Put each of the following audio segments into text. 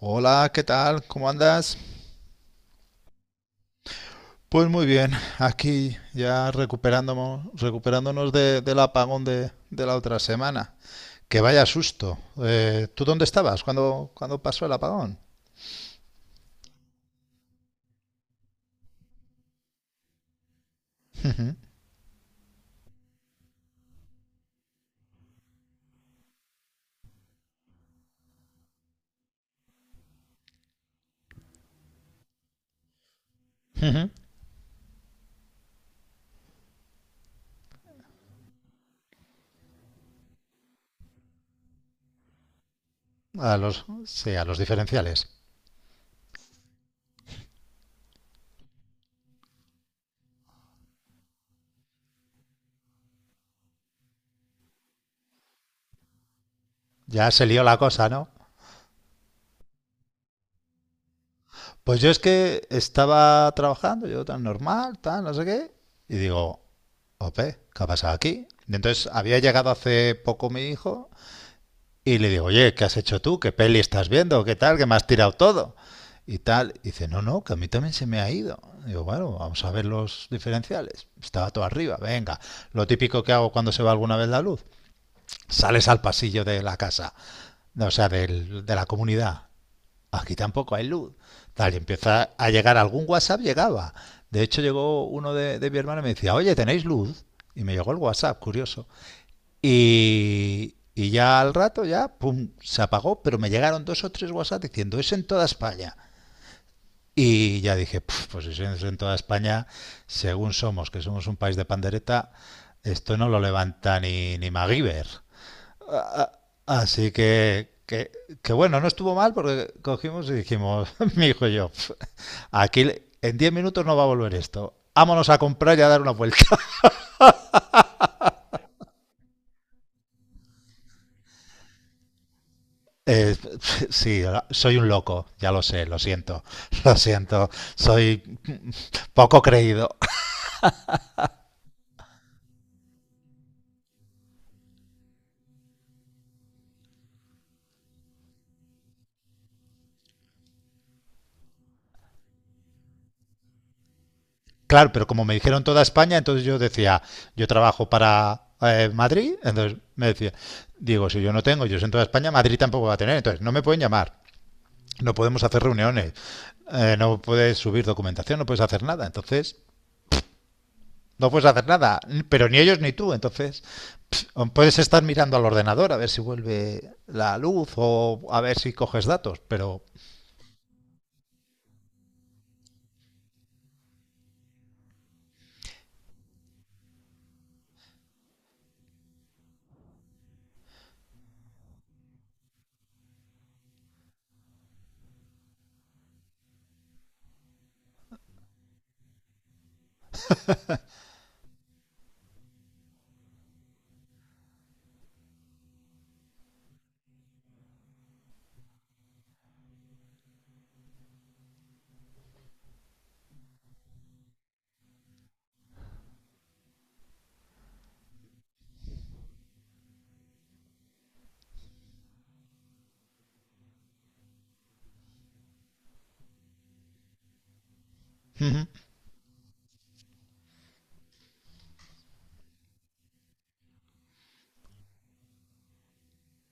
Hola, ¿qué tal? ¿Cómo andas? Pues muy bien, aquí ya recuperándonos, recuperándonos del apagón de la otra semana. Que vaya susto. ¿Tú dónde estabas cuando pasó el apagón? Sí, a los diferenciales. Ya se lió la cosa, ¿no? Pues yo es que estaba trabajando, yo tan normal, tan no sé qué, y digo, ope, ¿qué ha pasado aquí? Y entonces había llegado hace poco mi hijo. Y le digo, oye, ¿qué has hecho tú? ¿Qué peli estás viendo? ¿Qué tal? ¿Qué me has tirado todo? Y tal. Y dice, no, no, que a mí también se me ha ido. Y digo, bueno, vamos a ver los diferenciales. Estaba todo arriba, venga. Lo típico que hago cuando se va alguna vez la luz. Sales al pasillo de la casa, o sea, de la comunidad. Aquí tampoco hay luz. Tal, y empieza a llegar algún WhatsApp, llegaba. De hecho, llegó uno de mi hermana y me decía, oye, ¿tenéis luz? Y me llegó el WhatsApp, curioso. Y ya al rato, ya, pum, se apagó, pero me llegaron dos o tres WhatsApp diciendo, es en toda España. Y ya dije, pues si es en toda España, según somos, que somos un país de pandereta, esto no lo levanta ni MacGyver. A- Así que bueno, no estuvo mal porque cogimos y dijimos, mi hijo y yo: "Pf, aquí en 10 minutos no va a volver esto. Vámonos a comprar y a dar una vuelta." Eh, sí, soy un loco, ya lo sé, lo siento, lo siento, soy poco creído. Claro, pero como me dijeron toda España, entonces yo decía, yo trabajo para Madrid, entonces me decía, digo, si yo no tengo, yo soy en toda España, Madrid tampoco va a tener, entonces no me pueden llamar, no podemos hacer reuniones, no puedes subir documentación, no puedes hacer nada, entonces no puedes hacer nada, pero ni ellos ni tú. Entonces, puedes estar mirando al ordenador a ver si vuelve la luz o a ver si coges datos, pero...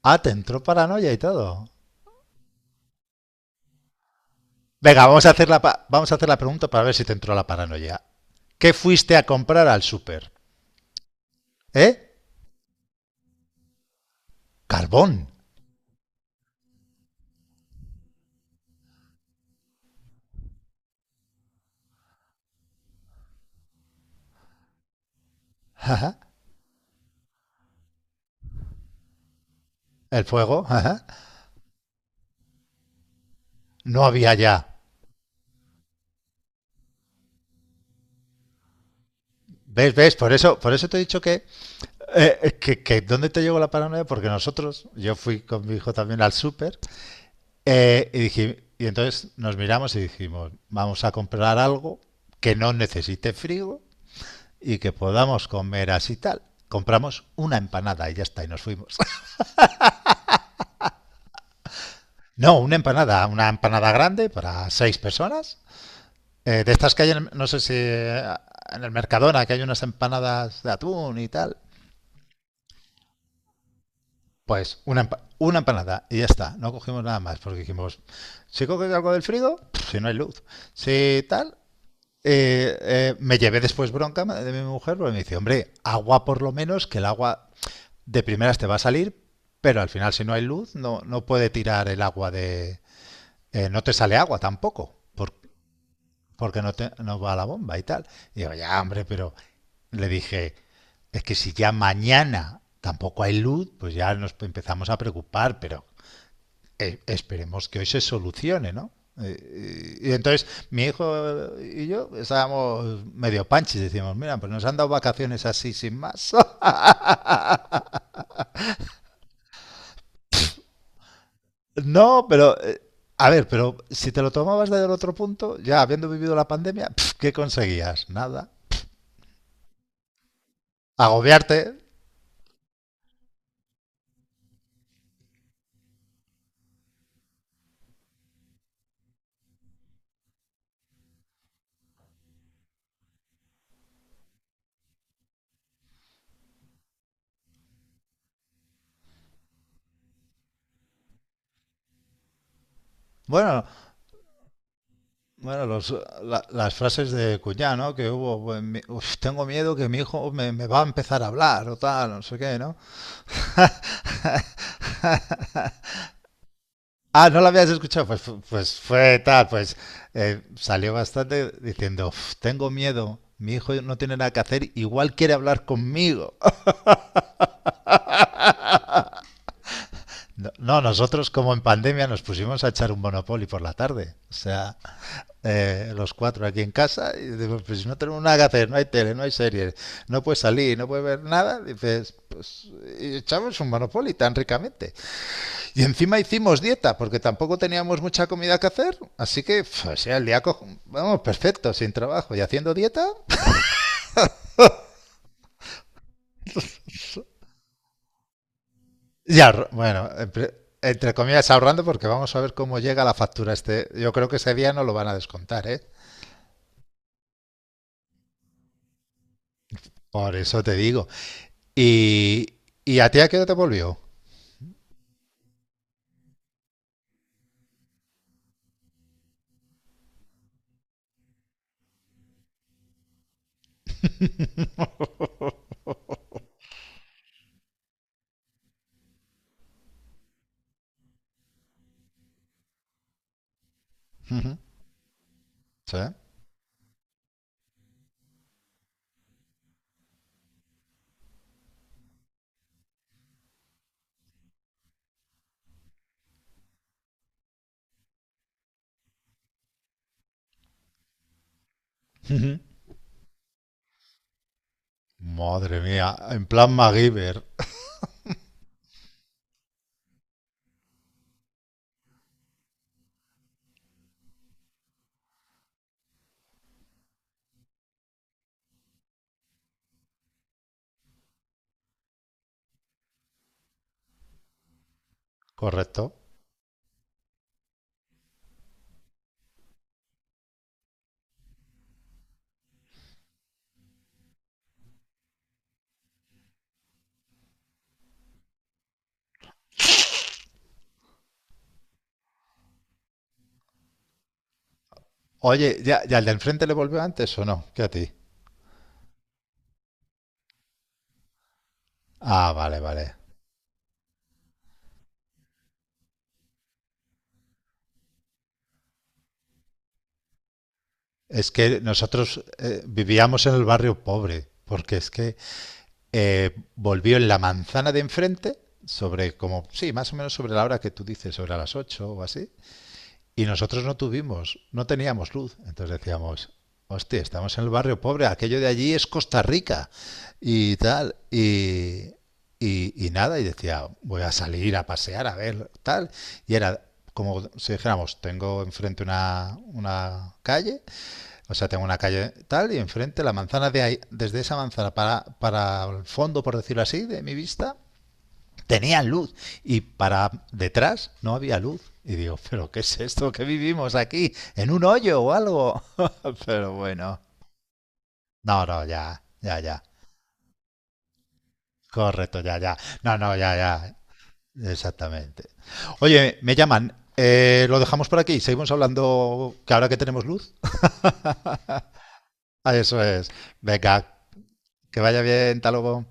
Ah, te entró paranoia y todo. Venga, vamos a hacer vamos a hacer la pregunta para ver si te entró la paranoia. ¿Qué fuiste a comprar al súper? ¿Eh? Carbón. El fuego. No había ya. ¿Ves? ¿Ves? Por eso te he dicho que ¿dónde te llegó la paranoia? Porque nosotros, yo fui con mi hijo también al súper, y dije, y entonces nos miramos y dijimos, vamos a comprar algo que no necesite frío y que podamos comer así tal. Compramos una empanada y ya está, y nos fuimos. No, una empanada grande para seis personas. De estas que hay, no sé si en el Mercadona, que hay unas empanadas de atún y tal. Pues una empanada y ya está. No cogimos nada más porque dijimos, si coges algo del frigo, pff, si no hay luz, si tal. Me llevé después bronca de mi mujer porque me dice, hombre, agua por lo menos, que el agua de primeras te va a salir, pero al final si no hay luz no, no puede tirar el agua de... no te sale agua tampoco, porque no va la bomba y tal. Y digo, ya hombre, pero le dije, es que si ya mañana tampoco hay luz, pues ya nos empezamos a preocupar, pero esperemos que hoy se solucione, ¿no? Y entonces mi hijo y yo estábamos medio panchis, decimos, mira, pues nos han dado vacaciones así sin más. No, pero a ver, pero si te lo tomabas desde el otro punto, ya habiendo vivido la pandemia, pf, ¿qué conseguías? Nada. Agobiarte. Bueno, bueno, las frases de Cuñá, ¿no? Que hubo, bueno, "Uf, tengo miedo que mi hijo me va a empezar a hablar o tal, no sé qué, ¿no?" Ah, no la habías escuchado, pues, pues fue tal, pues salió bastante diciendo: "Uf, tengo miedo, mi hijo no tiene nada que hacer, igual quiere hablar conmigo." No, no, nosotros como en pandemia nos pusimos a echar un Monopoly por la tarde. O sea, los cuatro aquí en casa, y digo, pues si no tenemos nada que hacer, no hay tele, no hay series, no puedes salir, no puedes ver nada, dices, pues y echamos un Monopoly tan ricamente. Y encima hicimos dieta, porque tampoco teníamos mucha comida que hacer, así que, pues, o sea, el día, vamos, perfecto, sin trabajo y haciendo dieta. Ya, bueno, entre comillas ahorrando porque vamos a ver cómo llega la factura este. Yo creo que ese día no lo van a descontar, ¿eh? Por eso te digo. ¿Y, y a ti a qué hora te volvió? Ujú. ¿Sí? Ujú. Madre mía, en plan MacGyver. Correcto. Oye, ¿ya al de enfrente le volvió antes o no? ¿Qué a ti? Ah, vale, vale. Es que nosotros vivíamos en el barrio pobre, porque es que volvió en la manzana de enfrente, sobre como, sí, más o menos sobre la hora que tú dices, sobre las 8 o así, y nosotros no tuvimos, no teníamos luz. Entonces decíamos, hostia, estamos en el barrio pobre, aquello de allí es Costa Rica y tal. Y nada, y decía, voy a salir a pasear, a ver, tal. Y era como si dijéramos, tengo enfrente una calle, o sea, tengo una calle tal, y enfrente la manzana de ahí, desde esa manzana para el fondo, por decirlo así, de mi vista, tenían luz y para detrás no había luz. Y digo, pero ¿qué es esto que vivimos aquí? ¿En un hoyo o algo? Pero bueno. No, no, ya, ya, ya. Correcto, ya, ya. No, no, ya, ya. Exactamente. Oye, me llaman. Lo dejamos por aquí. Seguimos hablando que ahora que tenemos luz. Ah, eso es. Venga, que vaya bien. Hasta luego.